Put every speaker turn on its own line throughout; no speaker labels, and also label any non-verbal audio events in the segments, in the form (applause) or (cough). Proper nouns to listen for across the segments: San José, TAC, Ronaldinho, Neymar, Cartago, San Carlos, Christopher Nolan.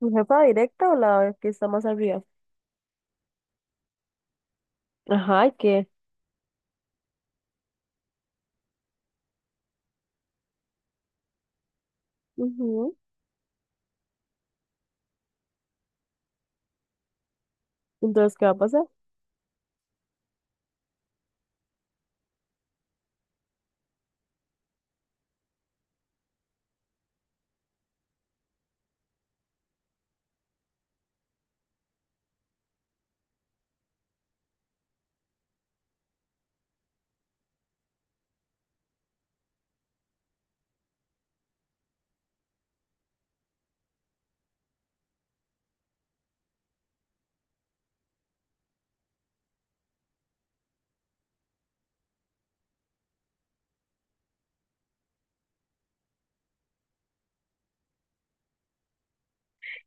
¿Mi jefa directa o la que está más arriba? Ajá, ¿y qué? Ujú. Entonces, ¿qué va a pasar?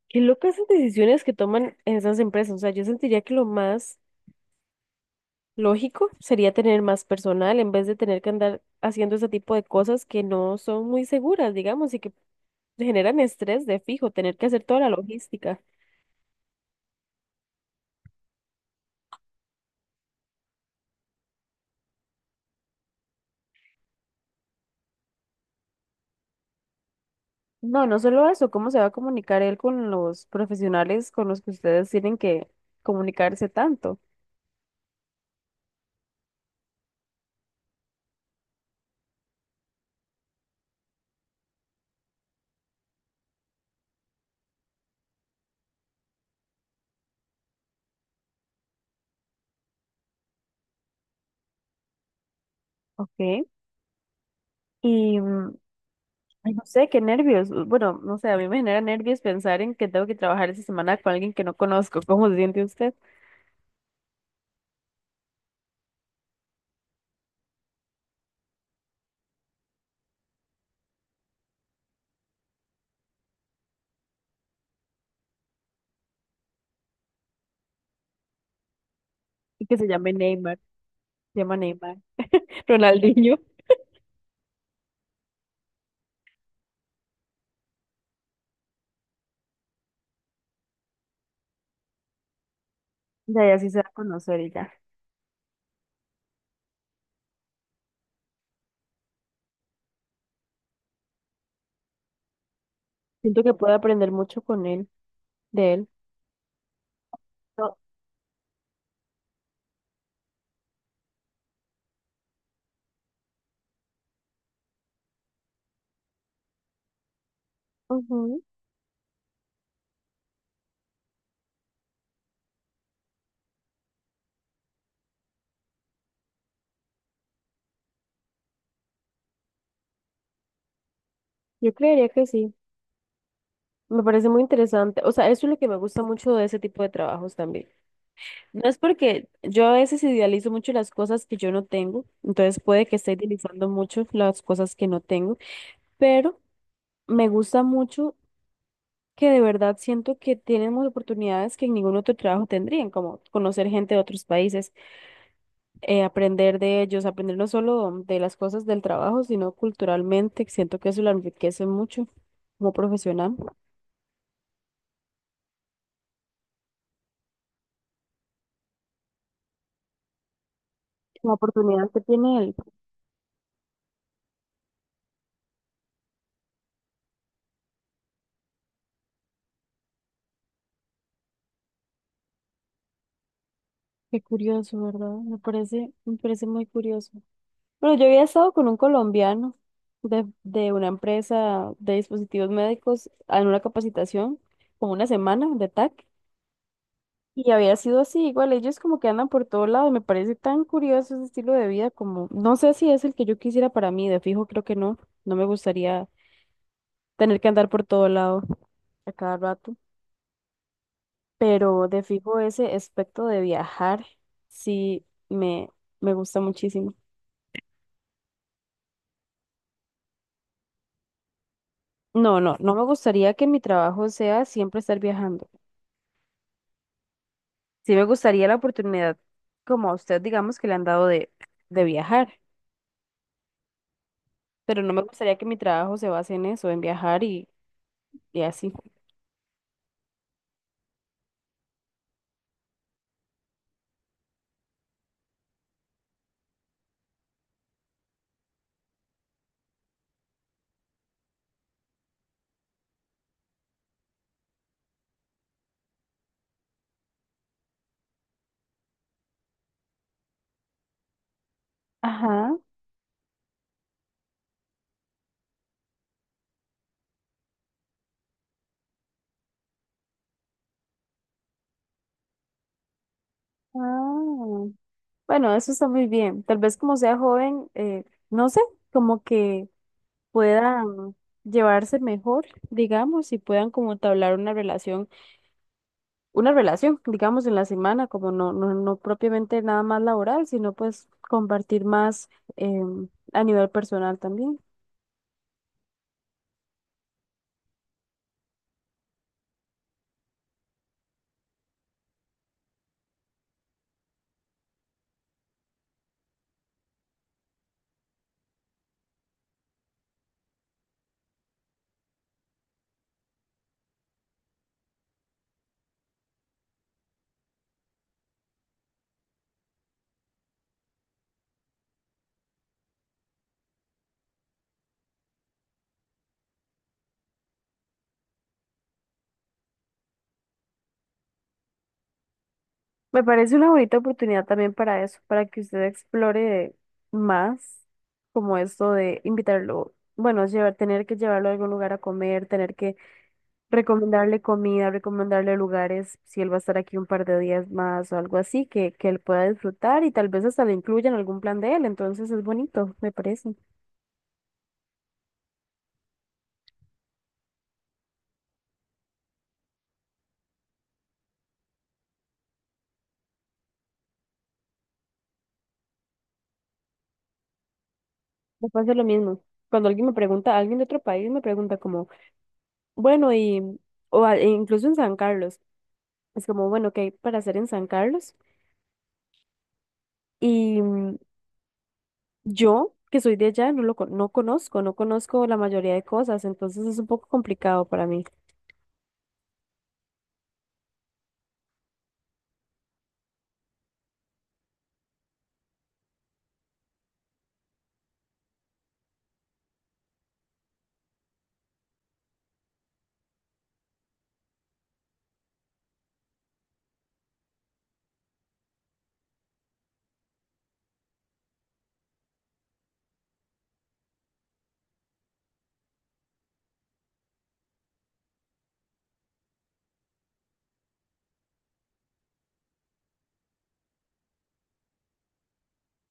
Qué locas esas decisiones que toman esas empresas. O sea, yo sentiría que lo más lógico sería tener más personal en vez de tener que andar haciendo ese tipo de cosas que no son muy seguras, digamos, y que generan estrés de fijo, tener que hacer toda la logística. No, no solo eso, ¿cómo se va a comunicar él con los profesionales con los que ustedes tienen que comunicarse tanto? ¿Ok? Y, mm, Ay, no sé, qué nervios. Bueno, no sé, a mí me genera nervios pensar en que tengo que trabajar esa semana con alguien que no conozco. ¿Cómo se siente usted? Y que se llame Neymar. Se llama Neymar. (laughs) Ronaldinho. Ya, ya sí se va a conocer y ya. Siento que puedo aprender mucho con él, de él. No, ujú. Yo creería que sí. Me parece muy interesante. O sea, eso es lo que me gusta mucho de ese tipo de trabajos también. No es porque yo a veces idealizo mucho las cosas que yo no tengo, entonces puede que esté idealizando mucho las cosas que no tengo, pero me gusta mucho que de verdad siento que tenemos oportunidades que en ningún otro trabajo tendrían, como conocer gente de otros países, aprender de ellos, aprender no solo de las cosas del trabajo, sino culturalmente, que siento que eso lo enriquece mucho como profesional. La oportunidad que tiene él. Qué curioso, ¿verdad? Me parece muy curioso. Bueno, yo había estado con un colombiano de una empresa de dispositivos médicos en una capacitación, como una semana de TAC, y había sido así, igual ellos como que andan por todo lado, me parece tan curioso ese estilo de vida, como no sé si es el que yo quisiera para mí, de fijo creo que no, no me gustaría tener que andar por todo lado a cada rato, pero de fijo ese aspecto de viajar sí me, me gusta muchísimo. No, no, no me gustaría que mi trabajo sea siempre estar viajando. Sí me gustaría la oportunidad, como a usted, digamos, que le han dado de viajar, pero no me gustaría que mi trabajo se base en eso, en viajar y así. Ajá. Ah. Bueno, eso está muy bien. Tal vez como sea joven, no sé, como que puedan llevarse mejor, digamos, y puedan como entablar una relación, digamos, en la semana, como no, no, no propiamente nada más laboral, sino pues compartir más a nivel personal también. Me parece una bonita oportunidad también para eso, para que usted explore más como esto de invitarlo, bueno, llevar, tener que llevarlo a algún lugar a comer, tener que recomendarle comida, recomendarle lugares, si él va a estar aquí un par de días más o algo así, que él pueda disfrutar y tal vez hasta le incluya en algún plan de él, entonces es bonito, me parece. Me pasa lo mismo. Cuando alguien me pregunta, alguien de otro país me pregunta como, bueno, y, o a- e incluso en San Carlos, es como, bueno, ¿qué hay para hacer en San Carlos? Y mm, Yo, que soy de allá, no lo con- no conozco, no conozco la mayoría de cosas, entonces es un poco complicado para mí.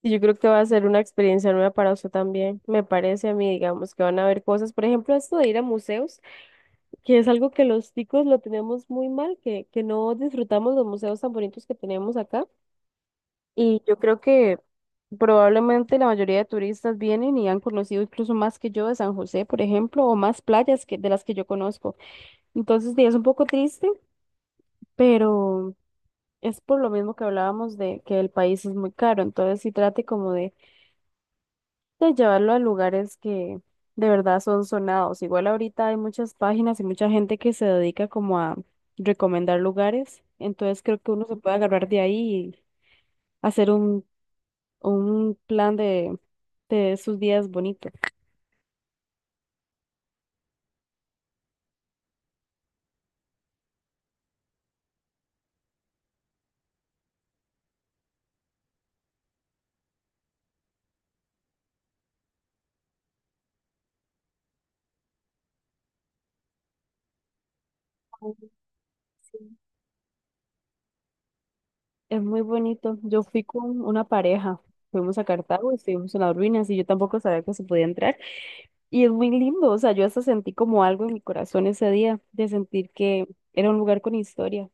Y yo creo que va a ser una experiencia nueva para usted también. Me parece a mí, digamos, que van a haber cosas, por ejemplo, esto de ir a museos, que es algo que los ticos lo tenemos muy mal, que no disfrutamos los museos tan bonitos que tenemos acá. Y yo creo que probablemente la mayoría de turistas vienen y han conocido incluso más que yo de San José, por ejemplo, o más playas que, de las que yo conozco. Entonces, sí, es un poco triste, pero... Es por lo mismo que hablábamos de que el país es muy caro, entonces sí trate como de llevarlo a lugares que de verdad son sonados. Igual ahorita hay muchas páginas y mucha gente que se dedica como a recomendar lugares, entonces creo que uno se puede agarrar de ahí y hacer un plan de sus días bonitos. Sí. Es muy bonito. Yo fui con una pareja, fuimos a Cartago y estuvimos en las ruinas y yo tampoco sabía que se podía entrar. Y es muy lindo, o sea, yo hasta sentí como algo en mi corazón ese día, de sentir que era un lugar con historia.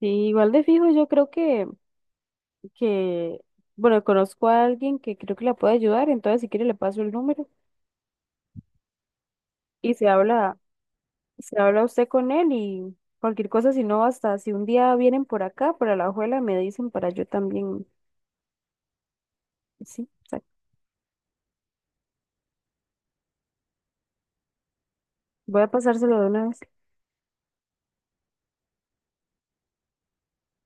Sí, igual de fijo, yo creo que, bueno, conozco a alguien que creo que la puede ayudar, entonces si quiere le paso el número y se habla usted con él y cualquier cosa, si no, hasta si un día vienen por acá, por la ajuela, me dicen para yo también, sí, exacto. Voy a pasárselo de una vez.